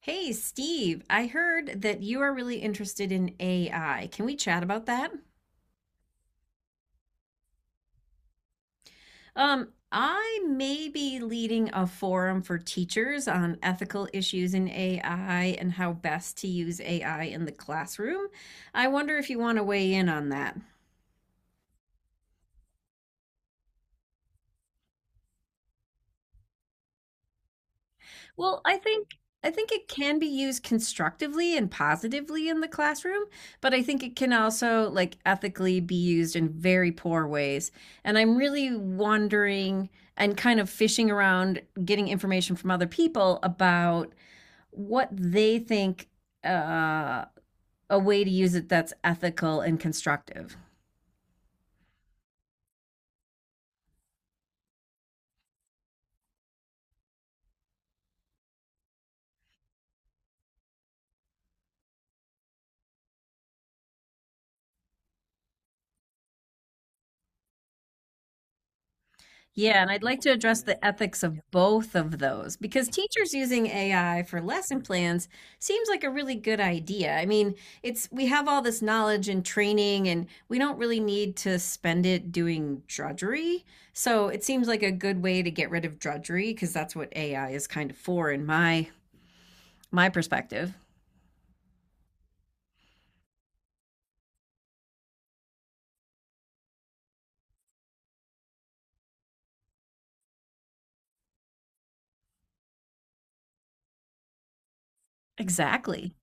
Hey, Steve, I heard that you are really interested in AI. Can we chat about that? I may be leading a forum for teachers on ethical issues in AI and how best to use AI in the classroom. I wonder if you want to weigh in on that. Well, I think it can be used constructively and positively in the classroom, but I think it can also like ethically be used in very poor ways. And I'm really wondering and kind of fishing around getting information from other people about what they think uh a way to use it that's ethical and constructive. Yeah, and I'd like to address the ethics of both of those because teachers using AI for lesson plans seems like a really good idea. I mean, it's we have all this knowledge and training and we don't really need to spend it doing drudgery. So, it seems like a good way to get rid of drudgery because that's what AI is kind of for in my perspective. Exactly.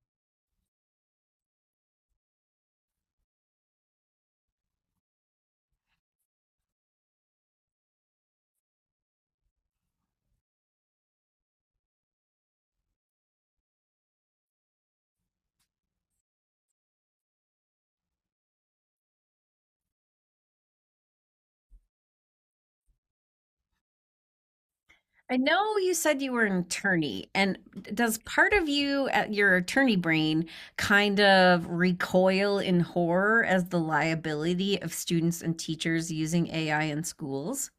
I know you said you were an attorney, and does part of you at your attorney brain kind of recoil in horror as the liability of students and teachers using AI in schools?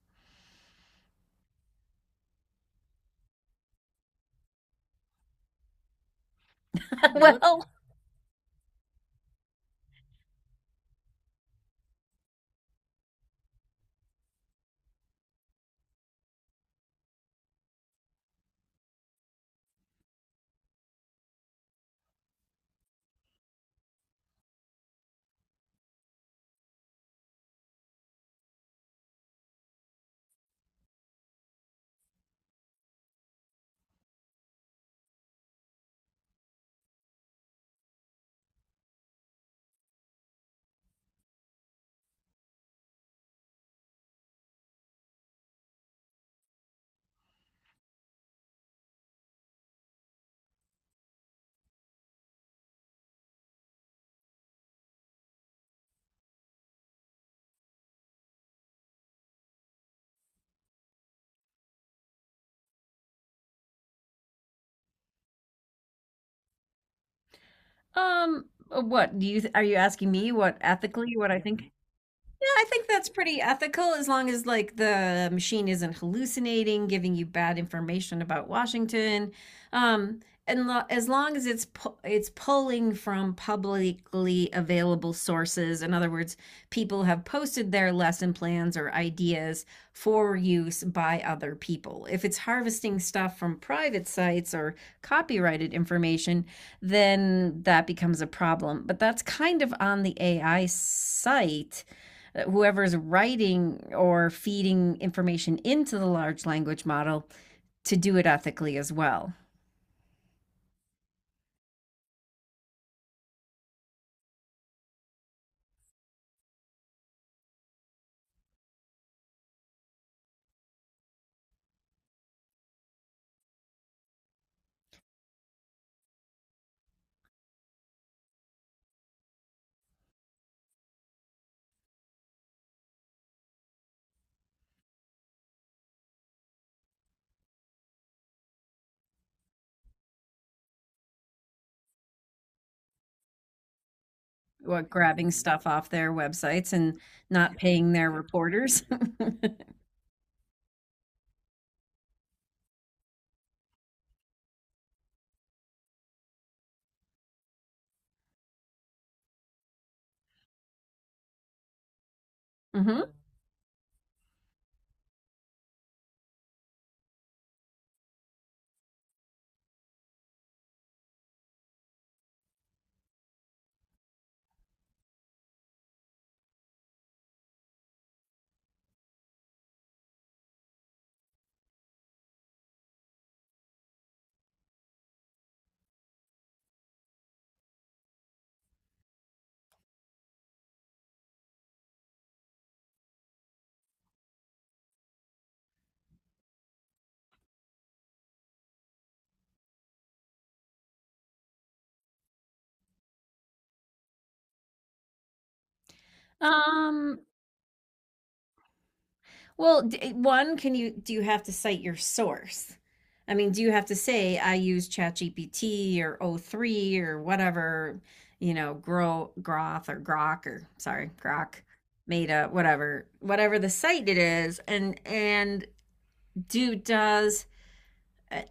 Well, what do you are you asking me what ethically what I think? Yeah, I think that's pretty ethical as long as like the machine isn't hallucinating, giving you bad information about Washington. Um, and as long as it's pulling from publicly available sources. In other words, people have posted their lesson plans or ideas for use by other people. If it's harvesting stuff from private sites or copyrighted information, then that becomes a problem. But that's kind of on the AI site whoever's writing or feeding information into the large language model to do it ethically as well. What, grabbing stuff off their websites and not paying their reporters? hmm Um, well, one, can you do you have to cite your source? I mean, do you have to say I use ChatGPT or O three or whatever, you know, Gro Groth or Grok or sorry, Grok, Meta, whatever, whatever the site it is, and do does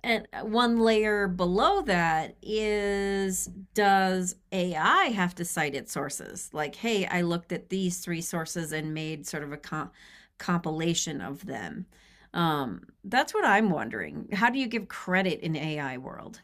and one layer below that is does AI have to cite its sources? Like, hey, I looked at these three sources and made sort of a compilation of them. That's what I'm wondering. How do you give credit in AI world?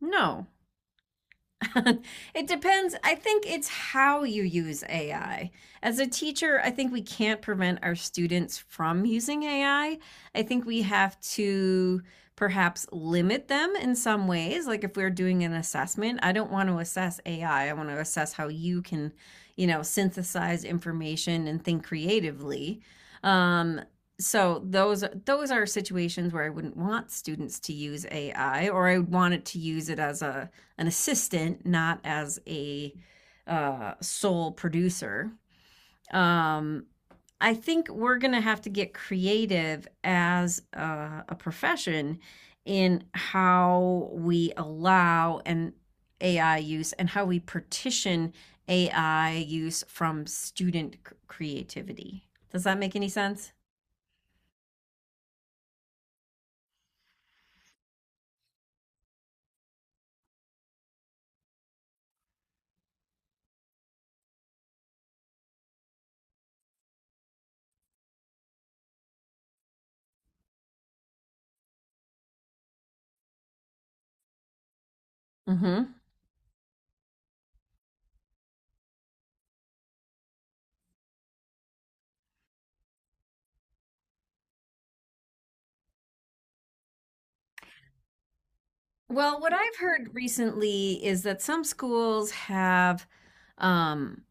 No, it depends. I think it's how you use AI. As a teacher, I think we can't prevent our students from using AI. I think we have to perhaps limit them in some ways. Like if we're doing an assessment, I don't want to assess AI. I want to assess how you can, you know, synthesize information and think creatively. Um, so those are situations where I wouldn't want students to use AI, or I would want it to use it as a an assistant, not as a sole producer. Um, I think we're going to have to get creative as a profession in how we allow an AI use and how we partition AI use from student creativity. Does that make any sense? Mm-hmm. Well, what I've heard recently is that some schools have um,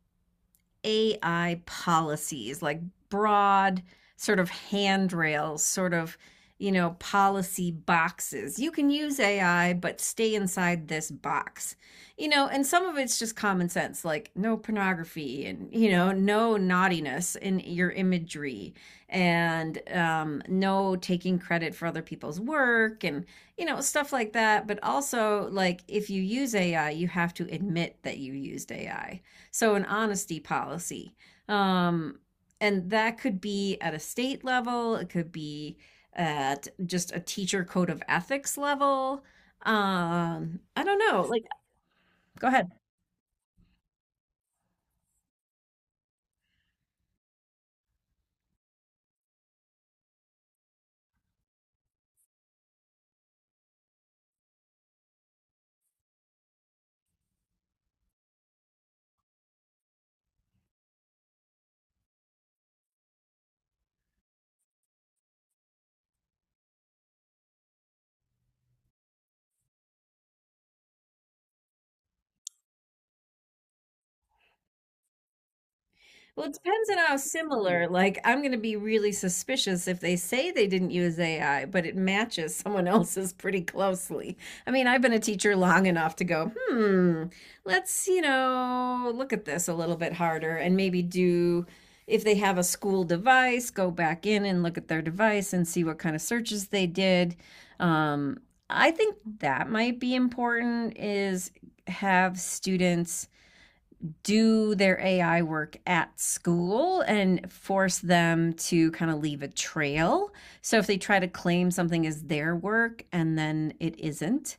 AI policies, like broad sort of handrails, sort of, you know, policy boxes. You can use AI, but stay inside this box. You know, and some of it's just common sense, like no pornography and, you know, no naughtiness in your imagery and no taking credit for other people's work and, you know, stuff like that. But also, like, if you use AI, you have to admit that you used AI, so an honesty policy. Um, and that could be at a state level, it could be at just a teacher code of ethics level. I don't know. Like, go ahead. Well, it depends on how similar. Like, I'm going to be really suspicious if they say they didn't use AI, but it matches someone else's pretty closely. I mean, I've been a teacher long enough to go, hmm, let's, you know, look at this a little bit harder and maybe do, if they have a school device, go back in and look at their device and see what kind of searches they did. Um, I think that might be important is have students do their AI work at school and force them to kind of leave a trail. So if they try to claim something as their work and then it isn't,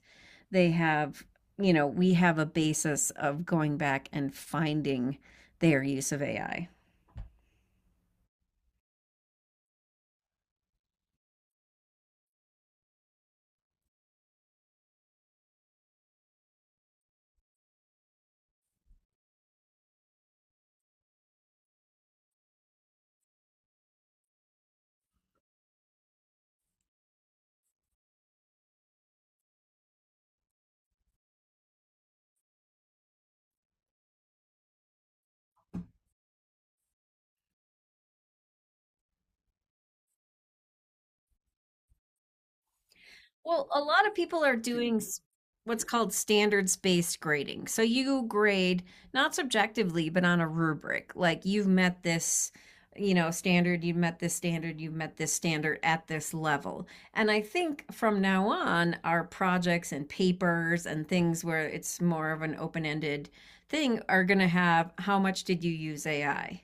they have, you know, we have a basis of going back and finding their use of AI. Well, a lot of people are doing what's called standards-based grading. So you grade not subjectively, but on a rubric. Like you've met this, you know, standard, you've met this standard, you've met this standard at this level. And I think from now on, our projects and papers and things where it's more of an open-ended thing are going to have how much did you use AI?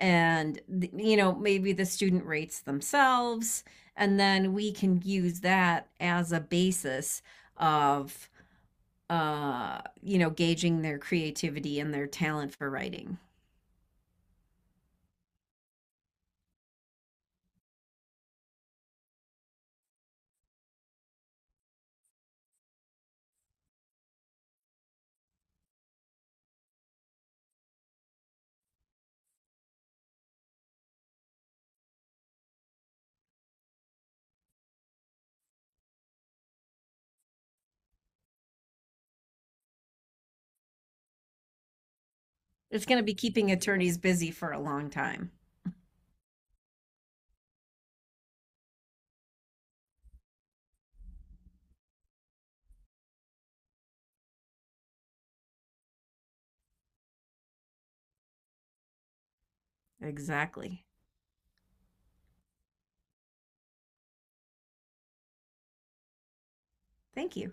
And you know maybe the student rates themselves and then we can use that as a basis of you know gauging their creativity and their talent for writing. It's going to be keeping attorneys busy for a long time. Exactly. Thank you.